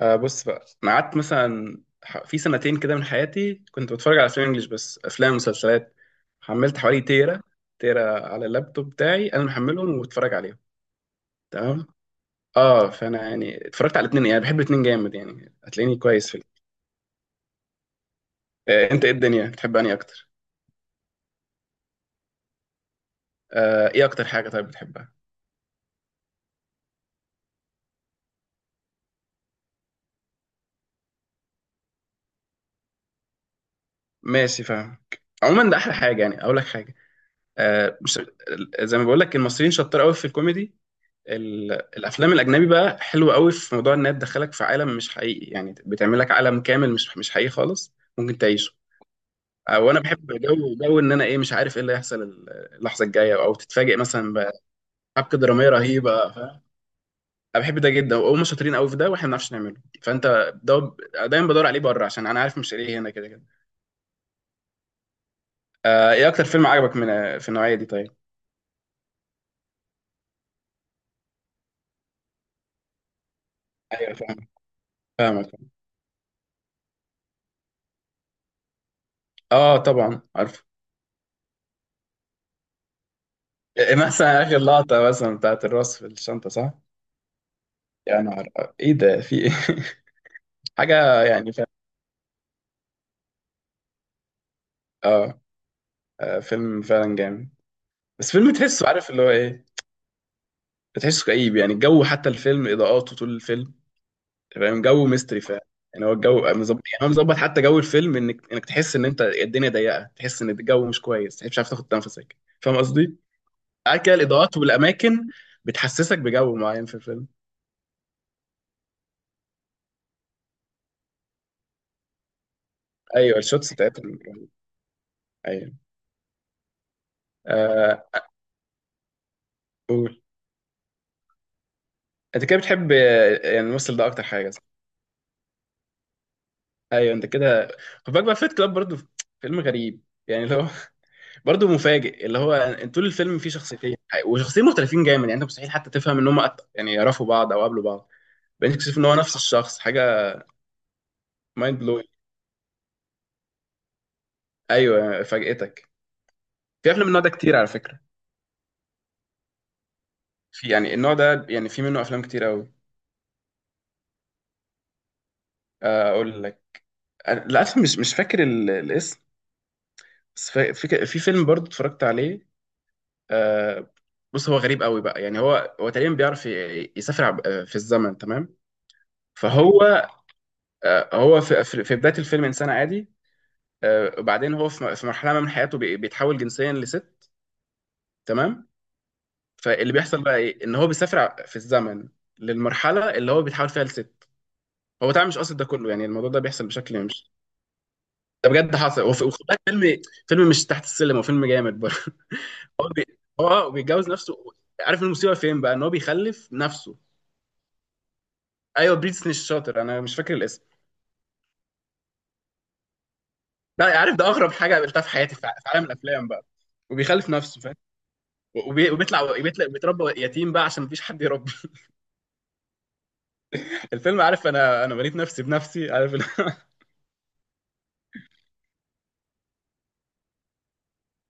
بص بقى. انا قعدت مثلا في سنتين كده من حياتي كنت بتفرج على افلام انجلش، بس افلام ومسلسلات. حملت حوالي تيرا على اللابتوب بتاعي، انا محملهم وبتفرج عليهم. تمام. اه، فانا يعني اتفرجت على الاثنين، يعني بحب الاثنين جامد، يعني هتلاقيني كويس في آه، انت ايه الدنيا بتحب انهي اكتر؟ آه، ايه اكتر حاجه طيب بتحبها؟ ماشي، فاهم. عموما ده احلى حاجه. يعني اقول لك حاجه، مش زي ما بقول لك، المصريين شطار قوي في الكوميدي. الافلام الاجنبي بقى حلوه قوي في موضوع انها تدخلك في عالم مش حقيقي، يعني بتعمل لك عالم كامل مش حقيقي خالص، ممكن تعيشه. وانا بحب جو، ان انا ايه، مش عارف ايه اللي هيحصل اللحظه الجايه، او تتفاجئ مثلا. بحبكه دراميه رهيبه، فاهم. انا بحب ده جدا، وهم شاطرين قوي في ده، واحنا ما بنعرفش نعمله. فانت ده دايما بدور عليه بره، عشان انا عارف مش ايه هنا، كده كده. ايه اكتر فيلم عجبك من في النوعيه دي طيب؟ ايوه فاهمك، فاهمك. اه طبعا عارف. إيه مثلا اخر لقطه مثلا بتاعت الراس في الشنطه، صح؟ يا نهار ايه ده، في ايه؟ حاجه يعني فعلا. اه. فيلم فعلا جامد. بس فيلم تحسه، عارف اللي هو ايه، بتحسه كئيب. يعني الجو، حتى الفيلم اضاءاته طول الفيلم، فاهم جو ميستري فعلا. يعني هو الجو مظبط، يعني هو مظبط حتى جو الفيلم، انك تحس ان انت الدنيا ضيقه، تحس ان الجو مش كويس، تحس مش عارف تاخد نفسك. فاهم قصدي؟ عارف كده الاضاءات والاماكن، بتحسسك بجو معين في الفيلم. ايوه الشوتس بتاعتهم. ايوه. آه، قول. انت كده بتحب، آه، يعني الممثل ده اكتر حاجه. ايوه انت كده. خد بالك بقى، فيت كلاب برضو. فيلم غريب يعني، اللي هو برضو مفاجئ، اللي هو انت طول الفيلم فيه شخصيتين، وشخصيتين مختلفين جامد، يعني انت مستحيل حتى تفهم ان هم يعني يعرفوا بعض او قابلوا بعض. بعدين تكتشف ان هو نفس الشخص، حاجه مايند بلوي. ايوه فاجئتك. في افلام من النوع ده كتير على فكره. في يعني النوع ده، يعني في منه افلام كتير قوي. اقول لك. للاسف مش فاكر الاسم. بس في فيلم برضو اتفرجت عليه. آه، بص، هو غريب قوي بقى. يعني هو تقريبا بيعرف يسافر في الزمن، تمام. فهو، هو في في بدايه الفيلم انسان عادي. وبعدين هو في مرحله ما من حياته بيتحول جنسيا لست، تمام. فاللي بيحصل بقى ايه، ان هو بيسافر في الزمن، للمرحله اللي هو بيتحول فيها لست. هو طبعا مش قاصد ده كله، يعني الموضوع ده بيحصل بشكل مش، ده بجد حصل. وفي، وخد بالك، فيلم فيلم مش تحت السلم، هو فيلم جامد برضه هو بي... هو، بيتجوز نفسه. عارف المصيبه فين بقى، ان هو بيخلف نفسه. ايوه بريتني الشاطر، انا مش فاكر الاسم. لا عارف، ده اغرب حاجه قابلتها في حياتي في في عالم الافلام بقى. وبيخلف نفسه. وبيطلع، بيتربى يتيم بقى عشان مفيش حد يربي. الفيلم، عارف، انا بنيت نفسي بنفسي، عارف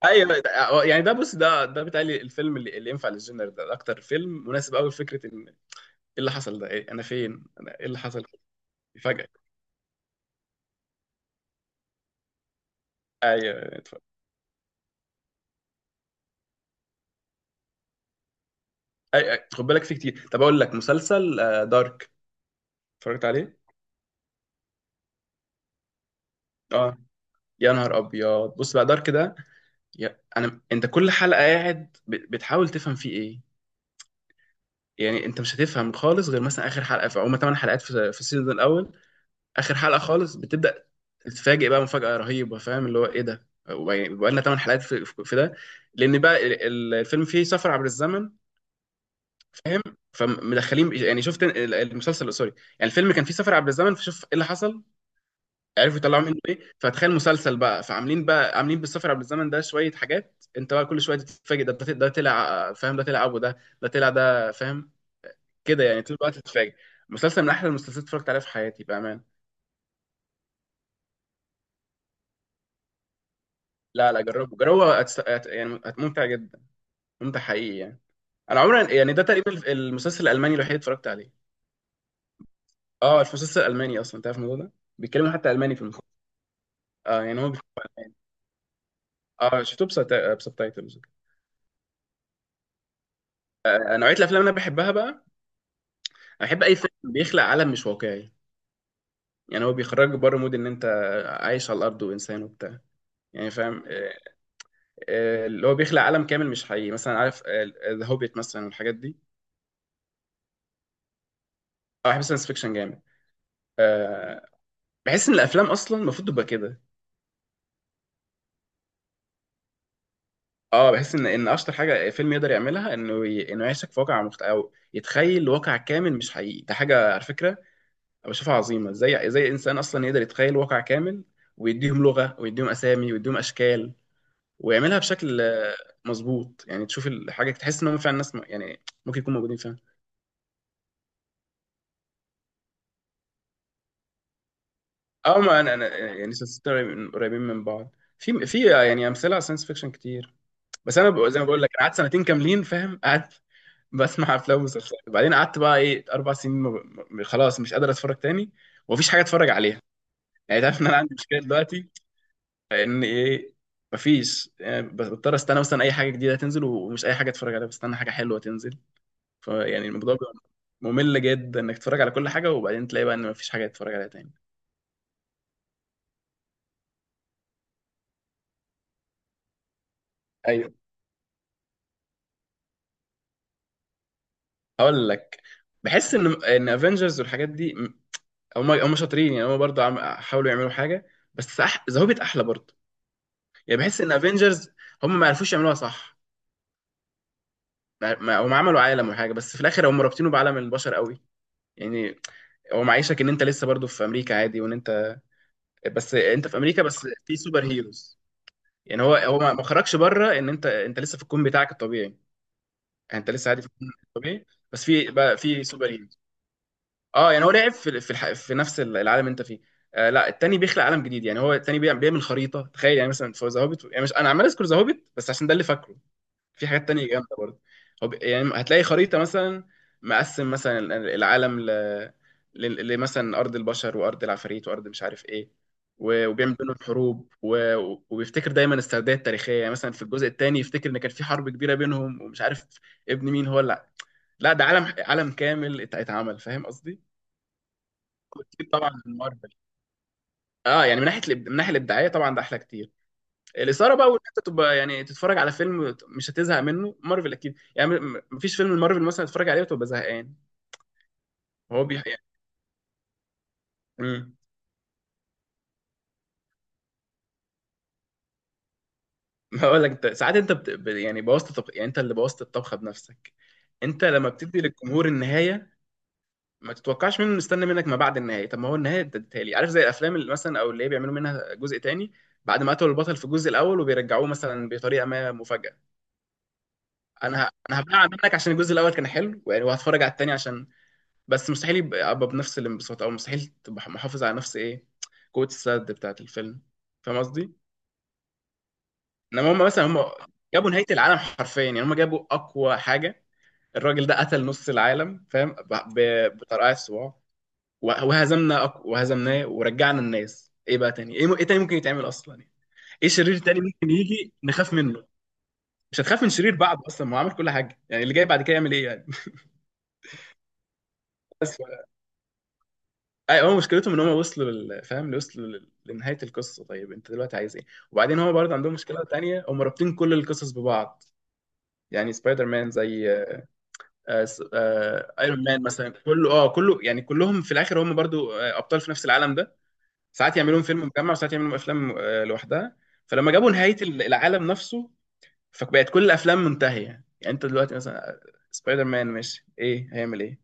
ايوه يعني ده، بص، ده بيتهيألي الفيلم اللي ينفع للجنر ده، ده اكتر فيلم مناسب قوي لفكره ان ايه اللي حصل، ده إيه، انا فين، انا ايه اللي حصل فجأة. ايوه اتفرج. خد بالك فيه كتير. طب اقول لك مسلسل، دارك، اتفرجت عليه. اه. يا نهار ابيض، بص بقى، دارك ده، انا انت كل حلقه قاعد بتحاول تفهم فيه ايه. يعني انت مش هتفهم خالص، غير مثلا اخر حلقه. في هما 8 حلقات في في السيزون الاول. اخر حلقه خالص بتبدا، تتفاجئ بقى مفاجاه رهيبه، فاهم اللي هو ايه، ده بقى لنا 8 حلقات في ده. لان بقى الفيلم فيه سفر عبر الزمن، فاهم. فمدخلين، يعني شفت المسلسل، سوري، يعني الفيلم كان فيه سفر عبر الزمن، فشوف ايه اللي حصل، عرفوا يطلعوا منه ايه. فتخيل مسلسل بقى، فعاملين بقى، عاملين بالسفر عبر الزمن ده شويه حاجات، انت بقى كل شويه تتفاجئ، ده طلع، فاهم، ده طلع ابو ده، ده طلع ده، فاهم كده. يعني طول الوقت تتفاجئ. مسلسل من احلى المسلسلات اتفرجت عليها في حياتي بقى. لا، جربه جربه، يعني ممتع جدا، ممتع حقيقي يعني. انا عمري، يعني ده تقريبا المسلسل الالماني الوحيد اللي اتفرجت عليه. اه المسلسل الالماني، اصلا تعرف الموضوع ده، بيتكلموا حتى الماني في المسلسل. اه يعني هو بيتكلموا الماني. اه شفته بسبتايتلز. نوعيه الافلام اللي انا بحبها بقى، انا بحب اي فيلم بيخلق عالم مش واقعي. يعني هو بيخرجك بره مود ان انت عايش على الارض وانسان وبتاع، يعني فاهم. اللي هو بيخلق عالم كامل مش حقيقي، مثلا عارف ذا هوبيت مثلا، والحاجات دي. اه بحب ساينس فيكشن جامد. آه، بحس ان الافلام اصلا المفروض تبقى كده. اه بحس ان اشطر حاجه فيلم يقدر يعملها، انه انه يعيشك في واقع او يتخيل واقع كامل مش حقيقي. ده حاجه على فكره أنا بشوفها عظيمه، ازاي، ازاي انسان اصلا يقدر يتخيل واقع كامل، ويديهم لغه، ويديهم اسامي، ويديهم اشكال، ويعملها بشكل، مظبوط. يعني تشوف الحاجه تحس ان هم فعلا ناس يعني ممكن يكونوا موجودين فعلا. اه ما انا يعني سلسلتين قريبين من بعض، في يعني امثله على ساينس فيكشن كتير. بس انا زي ما بقول لك، انا قعدت سنتين كاملين، فاهم، قاعد بسمع افلام ومسلسلات. وبعدين قعدت بقى ايه اربع سنين خلاص، مش قادر اتفرج تاني. ومفيش حاجه اتفرج عليها. يعني تعرف ان انا عندي مشكله دلوقتي، ان ايه، مفيش يعني، بضطر استنى مثلا اي حاجه جديده تنزل، ومش اي حاجه اتفرج عليها، بستنى حاجه حلوه تنزل. فيعني الموضوع بيبقى ممل جدا، انك تتفرج على كل حاجه وبعدين تلاقي بقى ان مفيش حاجه تتفرج عليها تاني. ايوه هقول لك. بحس ان افنجرز والحاجات دي، هم شاطرين، يعني هم برضه حاولوا يعملوا حاجه. بس ذا هوبيت احلى برضه. يعني بحس ان افنجرز، هم ما عرفوش يعملوها صح. هم عملوا عالم وحاجه، بس في الاخر هم رابطينه بعالم البشر قوي. يعني هو معيشك ان انت لسه برضه في امريكا عادي، وان انت، بس انت في امريكا، بس في سوبر هيروز. يعني هو ما خرجش بره، ان انت، انت لسه في الكون بتاعك الطبيعي. يعني انت لسه عادي في الكون الطبيعي، بس في بقى في سوبر هيروز. اه يعني هو لعب في نفس العالم اللي انت فيه. آه لا التاني بيخلق عالم جديد. يعني هو التاني بيعمل خريطه، تخيل يعني، مثلا في ذا هوبيت، يعني مش انا عمال اذكر ذا هوبيت بس عشان ده اللي فاكره، في حاجات تانية جامدة برضه. هو يعني هتلاقي خريطة مثلا، مقسم مثلا العالم لمثلا أرض البشر، وأرض العفاريت، وأرض مش عارف إيه. و، وبيعمل بينهم حروب و، وبيفتكر دايما السرديه التاريخية. يعني مثلا في الجزء التاني يفتكر إن كان في حرب كبيرة بينهم ومش عارف ابن مين هو. لا لا، ده عالم، عالم كامل اتعمل، فاهم قصدي؟ كتير طبعا من مارفل. اه يعني من ناحية من الناحية الإبداعية طبعا ده أحلى كتير. الاثاره بقى، وان انت تبقى يعني تتفرج على فيلم مش هتزهق منه، مارفل اكيد يعني، مفيش فيلم المارفل مثلا تتفرج عليه وتبقى زهقان. هو بيح يعني. امم. هقول لك، انت ساعات انت يعني بوظت، يعني انت اللي بوظت الطبخه بنفسك. انت لما بتدي للجمهور النهايه، ما تتوقعش منه مستني منك ما بعد النهايه. طب ما هو النهايه انت اديتها لي، عارف، زي الافلام اللي مثلا، او اللي هي بيعملوا منها جزء تاني بعد ما قتلوا البطل في الجزء الاول، وبيرجعوه مثلا بطريقه ما، مفاجاه. انا هبلع منك عشان الجزء الاول كان حلو يعني، وهتفرج على التاني عشان، بس مستحيل يبقى، أبقى بنفس الانبساط، او مستحيل تبقى محافظ على نفس ايه، قوه السد بتاعت الفيلم. فاهم قصدي. انما هم مثلا، جابوا نهايه العالم حرفيا. يعني هم جابوا اقوى حاجه. الراجل ده قتل نص العالم، فاهم، بطرقعة الصباع. وهزمنا وهزمناه ورجعنا الناس، ايه بقى تاني، ايه تاني ممكن يتعمل اصلا يعني. ايه شرير تاني ممكن يجي نخاف منه؟ مش هتخاف من شرير بعده اصلا، ما هو عمل كل حاجه. يعني اللي جاي بعد كده يعمل ايه يعني. بس. اي هو مشكلتهم ان هم وصلوا فاهم، وصلوا لنهايه القصه. طيب انت دلوقتي عايز ايه؟ وبعدين هم برضه عندهم مشكله تانية، هم رابطين كل القصص ببعض. يعني سبايدر مان زي، ايرون مان مثلا، كله اه كله، يعني كلهم في الاخر هم برضو، ابطال في نفس العالم ده. ساعات يعملون فيلم مجمع، وساعات يعملون افلام، لوحدها. فلما جابوا نهايه العالم نفسه، فبقت كل الافلام منتهيه يعني. انت دلوقتي مثلا، سبايدر مان ماشي ايه، هيعمل ايه.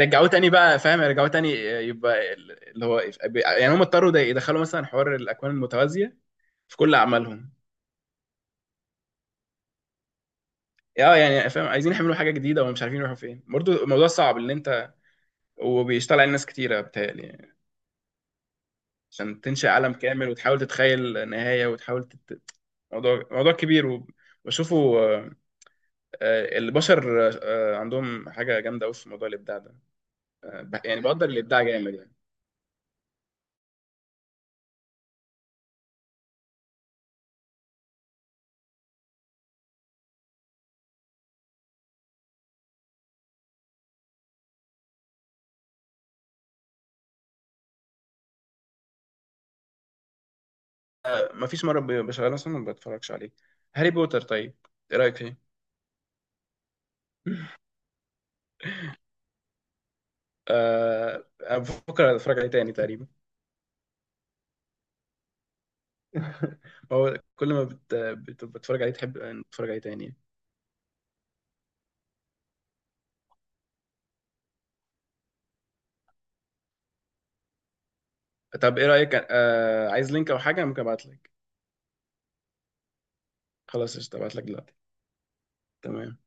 رجعوه تاني بقى، فاهم، رجعوه تاني، يبقى اللي هو. يعني هم اضطروا يدخلوا مثلا حوار الاكوان المتوازيه في كل اعمالهم. اه يعني فاهم، عايزين يعملوا حاجه جديده ومش عارفين يروحوا فين، برضه الموضوع صعب ان انت، وبيشتغل على ناس كتيره، بتهيألي يعني. عشان تنشئ عالم كامل، وتحاول تتخيل نهايه، وتحاول موضوع، كبير و، بشوفه، البشر عندهم حاجه جامده قوي في موضوع الابداع ده. يعني بقدر الابداع جامد يعني. ما فيش مره بشغله مثلا ما بتفرجش عليه. هاري بوتر طيب، ايه رايك فيه؟ آه، بفكر اتفرج عليه تاني تقريبا. هو كل ما بتفرج عليه تحب إن تتفرج عليه تاني. طب ايه رأيك، عايز لينك او حاجة ممكن ابعت لك؟ خلاص قشطة، ابعت لك دلوقتي. تمام.